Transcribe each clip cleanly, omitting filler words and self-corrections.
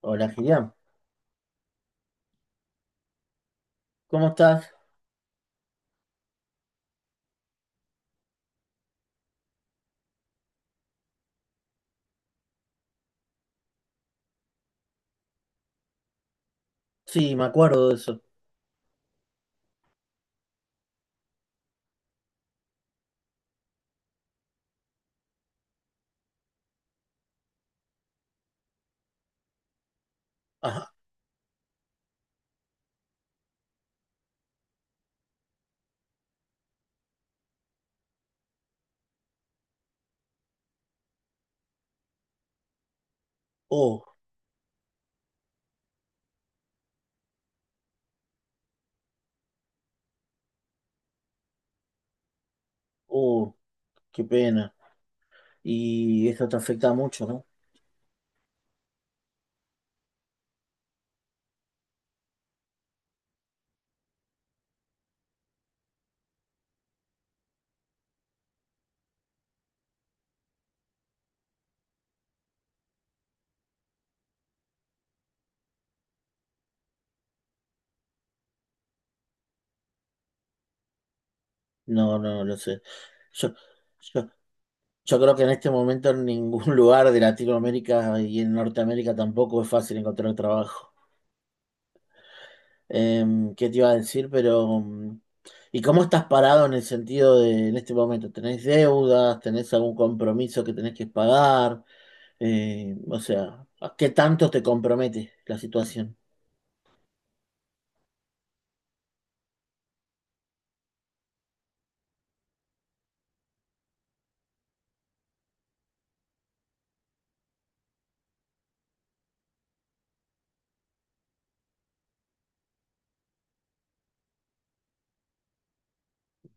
Hola, Giriam. ¿Cómo estás? Sí, me acuerdo de eso. Ajá. Oh, oh, qué pena. Y eso te afecta mucho, ¿no? No, no, lo sé. Yo, yo, yo creo que en este momento en ningún lugar de Latinoamérica y en Norteamérica tampoco es fácil encontrar trabajo. ¿Qué te iba a decir? Pero, ¿y cómo estás parado en el sentido de, en este momento, ¿tenés deudas? ¿Tenés algún compromiso que tenés que pagar? O sea, ¿a qué tanto te compromete la situación?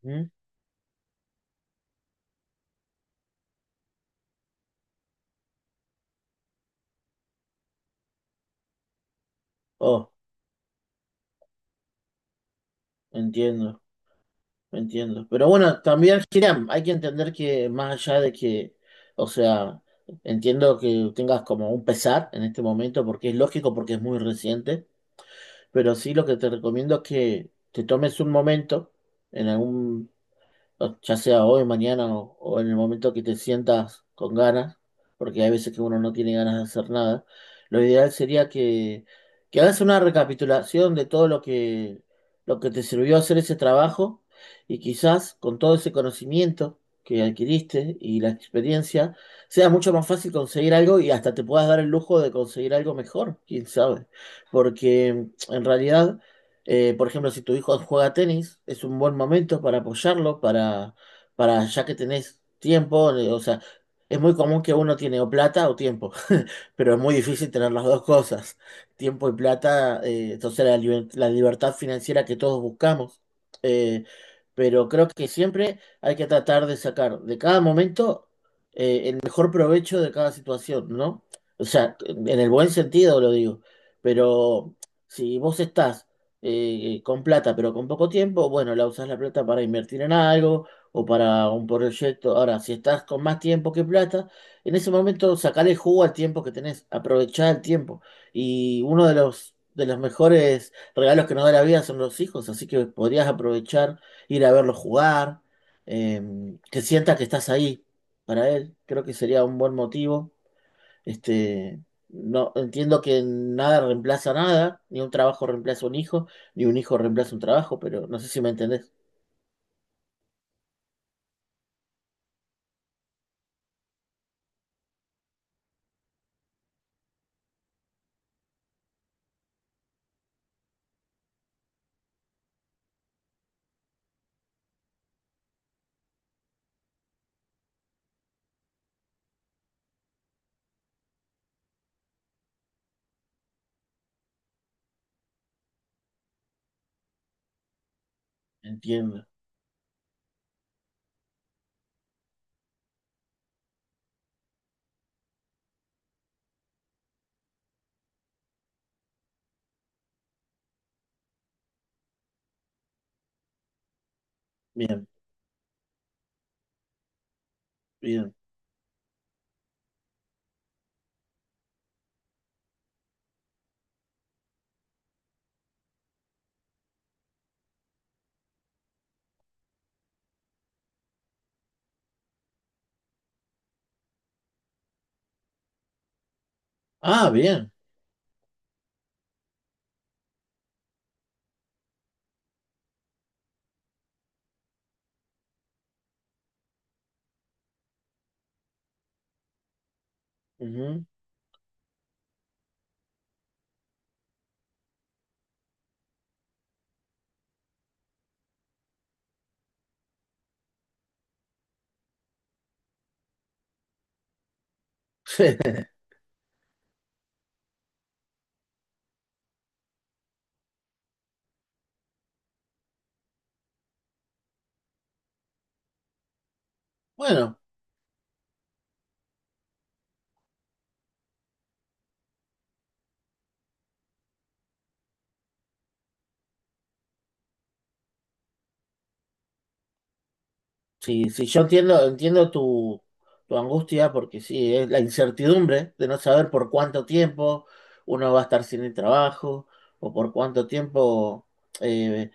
¿Mm? Oh, entiendo, entiendo. Pero bueno, también, Kiram, hay que entender que más allá de que, o sea, entiendo que tengas como un pesar en este momento, porque es lógico, porque es muy reciente. Pero sí, lo que te recomiendo es que te tomes un momento en algún, o ya sea hoy, mañana o en el momento que te sientas con ganas, porque hay veces que uno no tiene ganas de hacer nada, lo ideal sería que hagas una recapitulación de todo lo que te sirvió hacer ese trabajo y quizás con todo ese conocimiento que adquiriste y la experiencia, sea mucho más fácil conseguir algo y hasta te puedas dar el lujo de conseguir algo mejor, quién sabe, porque en realidad... Por ejemplo, si tu hijo juega tenis, es un buen momento para apoyarlo, para ya que tenés tiempo, o sea, es muy común que uno tiene o plata o tiempo, pero es muy difícil tener las dos cosas, tiempo y plata, entonces la, liber- la libertad financiera que todos buscamos. eh, pero creo que siempre hay que tratar de sacar de cada momento el mejor provecho de cada situación, ¿no? O sea, en el buen sentido lo digo, pero si vos estás con plata, pero con poco tiempo, bueno, la usas la plata para invertir en algo o para un proyecto. Ahora, si estás con más tiempo que plata, en ese momento sacale jugo al tiempo que tenés, aprovechá el tiempo. Y uno de los mejores regalos que nos da la vida son los hijos, así que podrías aprovechar, ir a verlos jugar, eh, que sienta que estás ahí para él. Creo que sería un buen motivo. Este, no entiendo que nada reemplaza nada, ni un trabajo reemplaza un hijo, ni un hijo reemplaza un trabajo, pero no sé si me entendés. Entiendo. Bien, bien. Ah, bien. Ujú. Bueno, sí, sí, yo entiendo, entiendo tu, tu angustia, porque sí, es la incertidumbre de no saber por cuánto tiempo uno va a estar sin el trabajo, o por cuánto tiempo eh,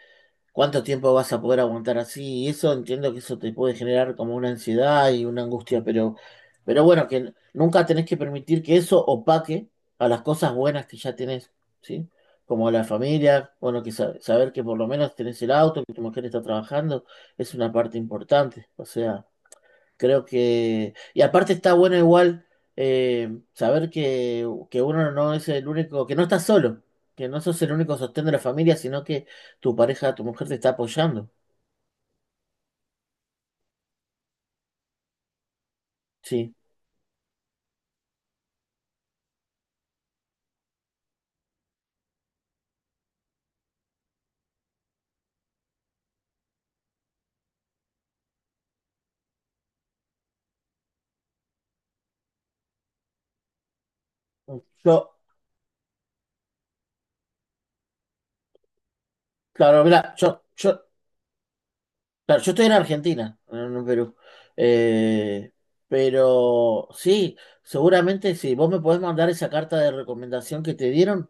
¿cuánto tiempo vas a poder aguantar así? Y eso entiendo que eso te puede generar como una ansiedad y una angustia, pero bueno, que n- nunca tenés que permitir que eso opaque a las cosas buenas que ya tenés, ¿sí? Como la familia, bueno, que sa- saber que por lo menos tenés el auto, que tu mujer está trabajando, es una parte importante. O sea. Creo que. Y aparte está bueno igual saber que uno no es el único, que no estás solo, que no sos el único sostén de la familia, sino que tu pareja, tu mujer te está apoyando. Sí. Yo, claro, mira, yo, claro, yo estoy en Argentina, no en Perú. Eh, pero sí, seguramente sí. Vos me podés mandar esa carta de recomendación que te dieron.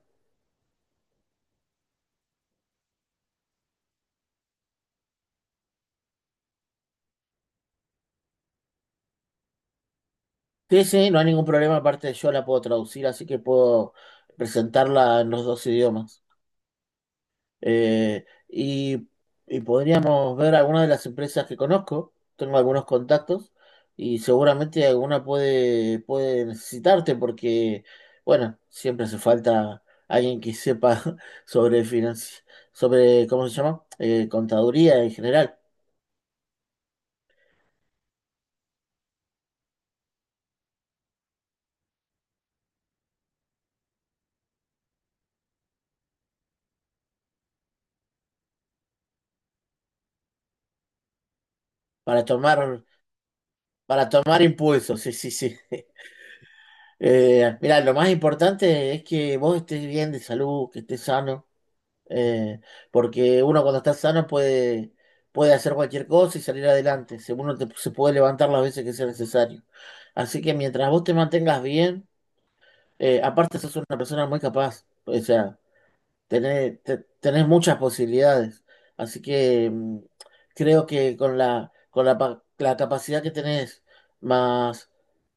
Sí, sí, no hay ningún problema, aparte yo la puedo traducir, así que puedo presentarla en los dos idiomas. Y, y podríamos ver algunas de las empresas que conozco, tengo algunos contactos y seguramente alguna puede, puede necesitarte porque, bueno, siempre hace falta alguien que sepa sobre financi- sobre, ¿cómo se llama? Contaduría en general, para tomar, para tomar impulso, sí, sí, sí. Mirá, lo más importante es que vos estés bien de salud, que estés sano. eh, Porque uno cuando está sano puede, puede hacer cualquier cosa y salir adelante. Se- Uno te- se puede levantar las veces que sea necesario. Así que mientras vos te mantengas bien, aparte sos una persona muy capaz. O sea, tenés, te- tenés muchas posibilidades. Así que creo que con la, pa- la capacidad que tenés, más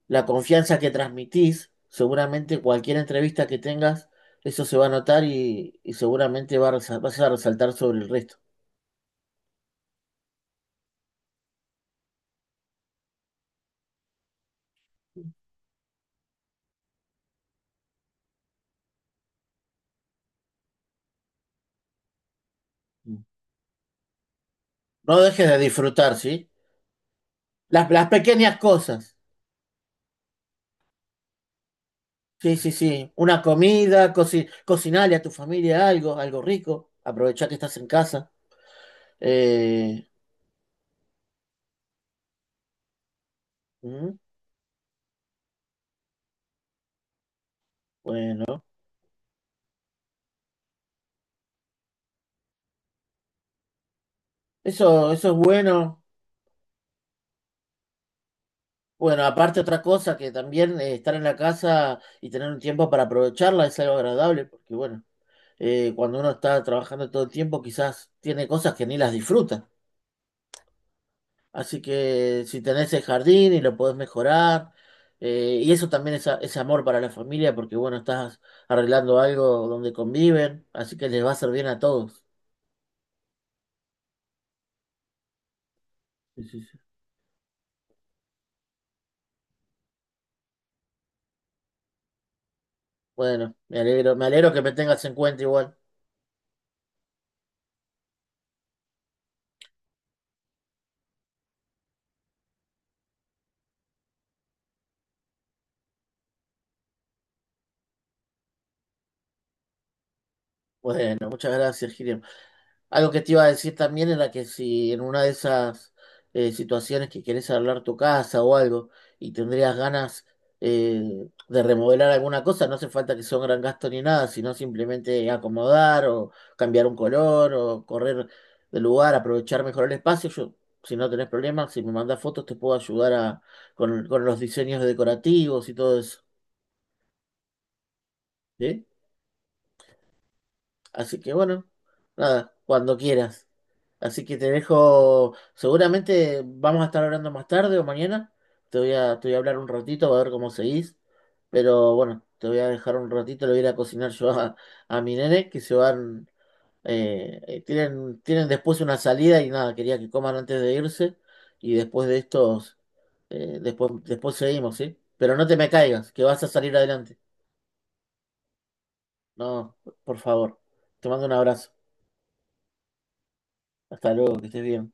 la confianza que transmitís, seguramente cualquier entrevista que tengas, eso se va a notar y seguramente va a resa- vas a resaltar sobre el resto. No dejes de disfrutar, ¿sí? Las pequeñas cosas. Sí, sí, sí. Una comida, coci- cocinarle a tu familia algo, algo rico. Aprovechá que estás en casa. Eh, mm, bueno. Eso es bueno. Bueno, aparte otra cosa que también estar en la casa y tener un tiempo para aprovecharla es algo agradable, porque bueno, cuando uno está trabajando todo el tiempo quizás tiene cosas que ni las disfruta. Así que si tenés el jardín y lo podés mejorar, y eso también es, a- es amor para la familia, porque bueno, estás arreglando algo donde conviven, así que les va a hacer bien a todos. Sí, sí, sí. Bueno, me alegro que me tengas en cuenta igual. Bueno, muchas gracias, Gil. Algo que te iba a decir también era que si en una de esas situaciones que querés arreglar tu casa o algo y tendrías ganas de remodelar alguna cosa, no hace falta que sea un gran gasto ni nada, sino simplemente acomodar o cambiar un color o correr de lugar, aprovechar mejor el espacio. Yo, si no tenés problemas, si me mandás fotos te puedo ayudar a, con los diseños decorativos y todo eso. ¿Sí? Así que bueno, nada, cuando quieras. Así que te dejo, seguramente vamos a estar hablando más tarde o mañana. Te voy a hablar un ratito, a ver cómo seguís. Pero bueno, te voy a dejar un ratito, le voy a ir a cocinar yo a mi nene, que se van, tienen, tienen después una salida y nada, quería que coman antes de irse. Y después de estos, después, después seguimos, ¿sí? Pero no te me caigas, que vas a salir adelante. No, por favor. Te mando un abrazo. Hasta luego, que estés bien.